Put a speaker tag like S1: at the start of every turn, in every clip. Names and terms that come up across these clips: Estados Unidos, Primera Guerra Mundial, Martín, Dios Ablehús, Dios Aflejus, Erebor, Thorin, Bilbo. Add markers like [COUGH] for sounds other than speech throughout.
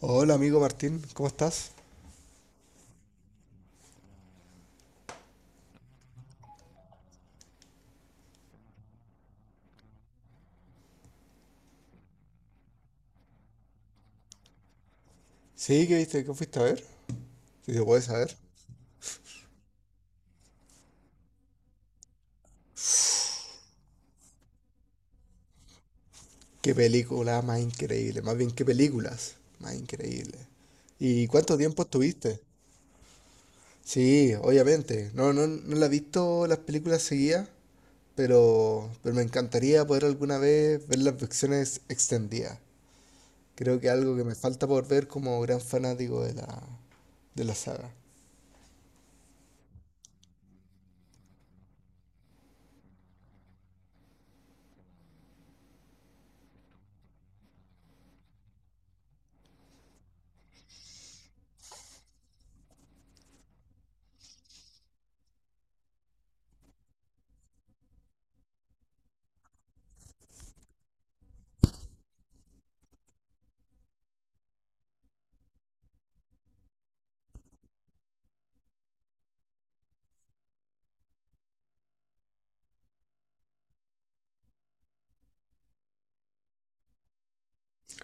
S1: Hola amigo Martín, ¿cómo estás? Sí, ¿qué viste? ¿Qué fuiste a ver? Si se puede saber. Qué película más increíble, más bien qué películas más increíble. ¿Y cuánto tiempo estuviste? Sí, obviamente. No, no, no la he visto las películas seguidas, pero me encantaría poder alguna vez ver las versiones extendidas. Creo que es algo que me falta por ver como gran fanático de la saga.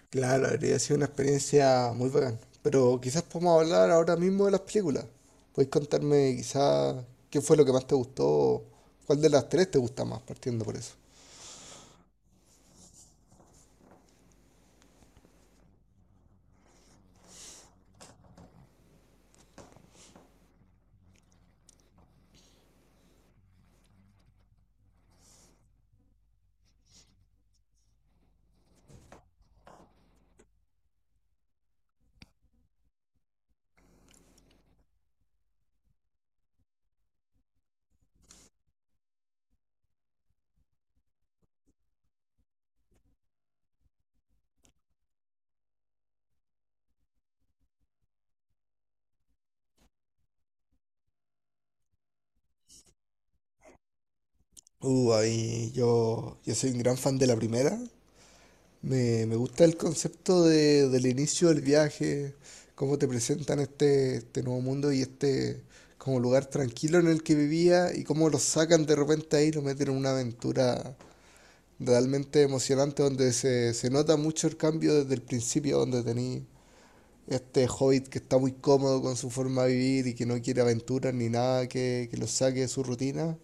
S1: Claro, habría sido una experiencia muy bacán. Pero quizás podemos hablar ahora mismo de las películas. Puedes contarme quizás qué fue lo que más te gustó, cuál de las tres te gusta más, partiendo por eso. Ahí yo soy un gran fan de la primera. Me gusta el concepto de- del inicio del viaje, cómo te presentan este nuevo mundo y este como lugar tranquilo en el que vivía y cómo lo sacan de repente ahí y lo meten en una aventura realmente emocionante, donde se nota mucho el cambio desde el principio, donde tenéis este hobbit que está muy cómodo con su forma de vivir y que no quiere aventuras ni nada que lo saque de su rutina,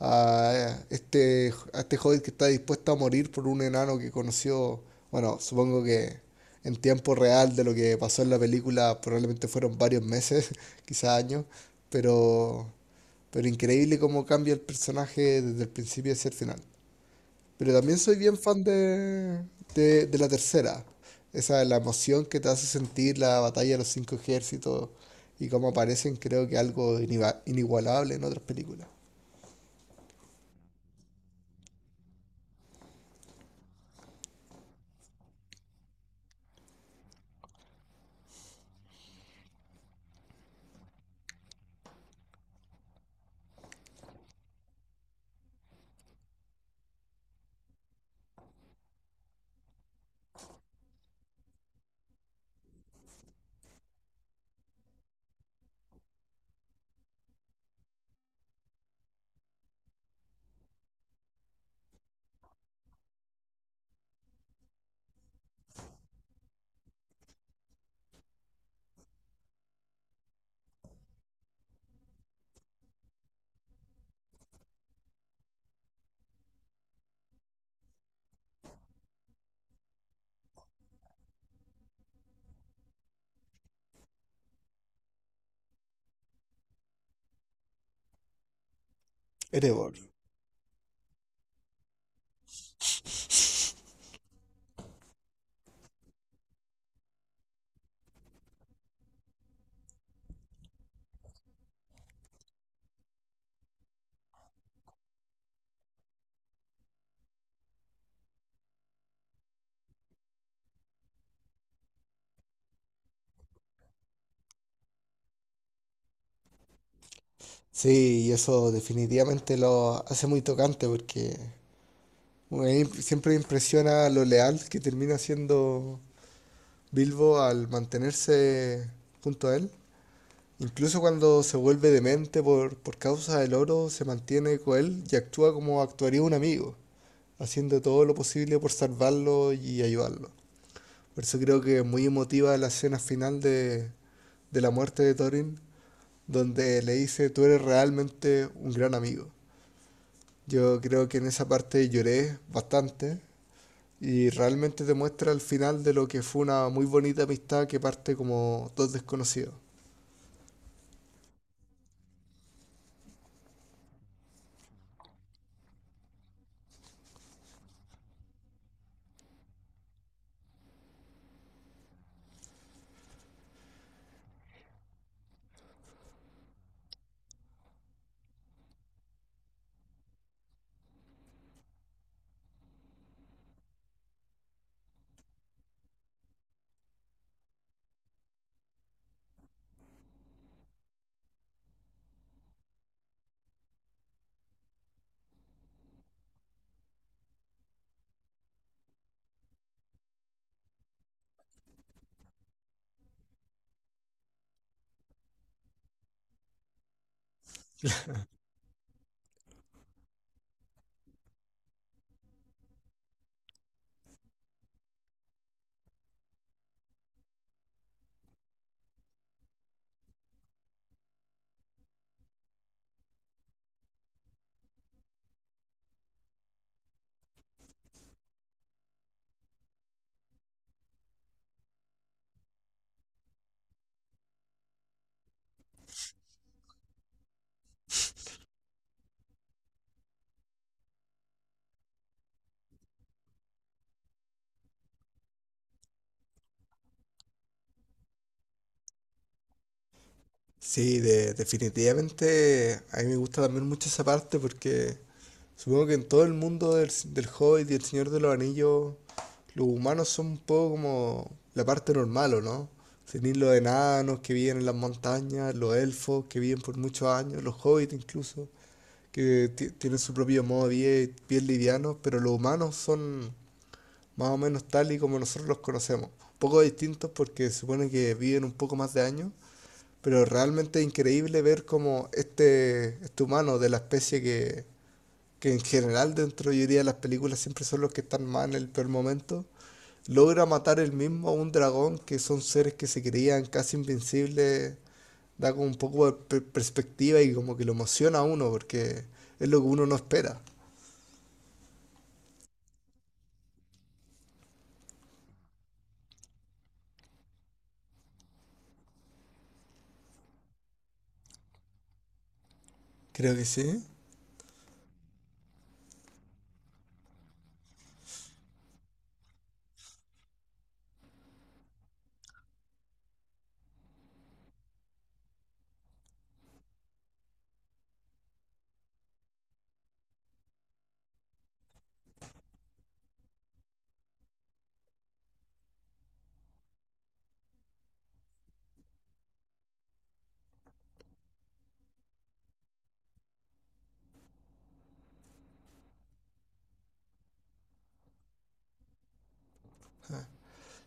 S1: a este hobbit que está dispuesto a morir por un enano que conoció, bueno, supongo que en tiempo real de lo que pasó en la película probablemente fueron varios meses, [LAUGHS] quizás años, pero, pero increíble cómo cambia el personaje desde el principio hacia el final. Pero también soy bien fan de la tercera. Esa, la emoción que te hace sentir la batalla de los cinco ejércitos y cómo aparecen, creo que algo inigualable en otras películas. Erebor. Sí, y eso definitivamente lo hace muy tocante porque siempre me impresiona lo leal que termina siendo Bilbo al mantenerse junto a él. Incluso cuando se vuelve demente por causa del oro, se mantiene con él y actúa como actuaría un amigo, haciendo todo lo posible por salvarlo y ayudarlo. Por eso creo que es muy emotiva la escena final de la muerte de Thorin, donde le dice, tú eres realmente un gran amigo. Yo creo que en esa parte lloré bastante y realmente te muestra el final de lo que fue una muy bonita amistad que parte como dos desconocidos. Sí, definitivamente a mí me gusta también mucho esa parte porque supongo que en todo el mundo del Hobbit y el Señor de los Anillos, los humanos son un poco como la parte normal, ¿o no? Tenéis los enanos que viven en las montañas, los elfos que viven por muchos años, los hobbits incluso, que tienen su propio modo de vida, y bien liviano, pero los humanos son más o menos tal y como nosotros los conocemos. Un poco distintos porque supone que viven un poco más de años pero realmente increíble ver cómo este humano de la especie que en general dentro yo diría de las películas siempre son los que están mal en el peor momento, logra matar él mismo a un dragón que son seres que se creían casi invencibles, da como un poco de perspectiva y como que lo emociona a uno porque es lo que uno no espera. Creo que sí.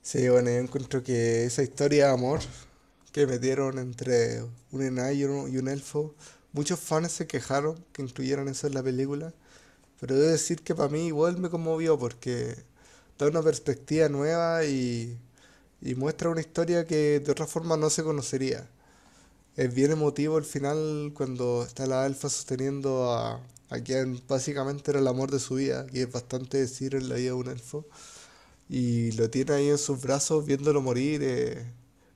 S1: Sí, bueno, yo encuentro que esa historia de amor que metieron entre un enano y un elfo, muchos fans se quejaron que incluyeran eso en la película, pero debo decir que para mí igual me conmovió porque da una perspectiva nueva y muestra una historia que de otra forma no se conocería. Es bien emotivo el final cuando está la elfa sosteniendo a quien básicamente era el amor de su vida, que es bastante decir en la vida de un elfo. Y lo tiene ahí en sus brazos viéndolo morir.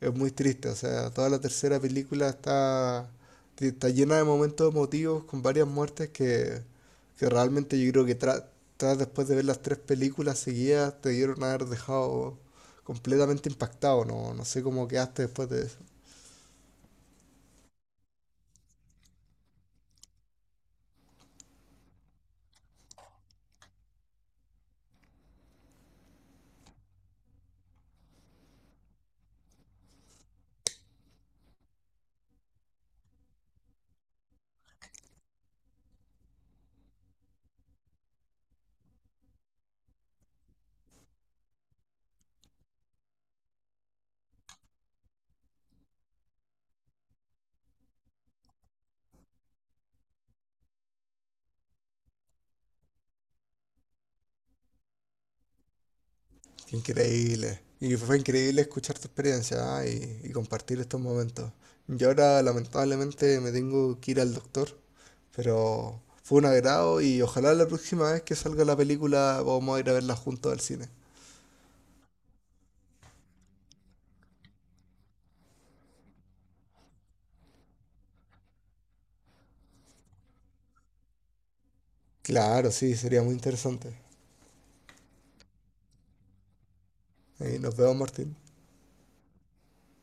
S1: Es muy triste. O sea, toda la tercera película está llena de momentos emotivos con varias muertes que realmente yo creo que tras después de ver las tres películas seguidas te dieron a haber dejado completamente impactado. No, no sé cómo quedaste después de eso. Qué increíble. Y fue increíble escuchar tu experiencia, ¿ah? y compartir estos momentos. Yo ahora lamentablemente me tengo que ir al doctor. Pero fue un agrado y ojalá la próxima vez que salga la película vamos a ir a verla juntos al cine. Claro, sí, sería muy interesante. Ahí nos vemos, Martín.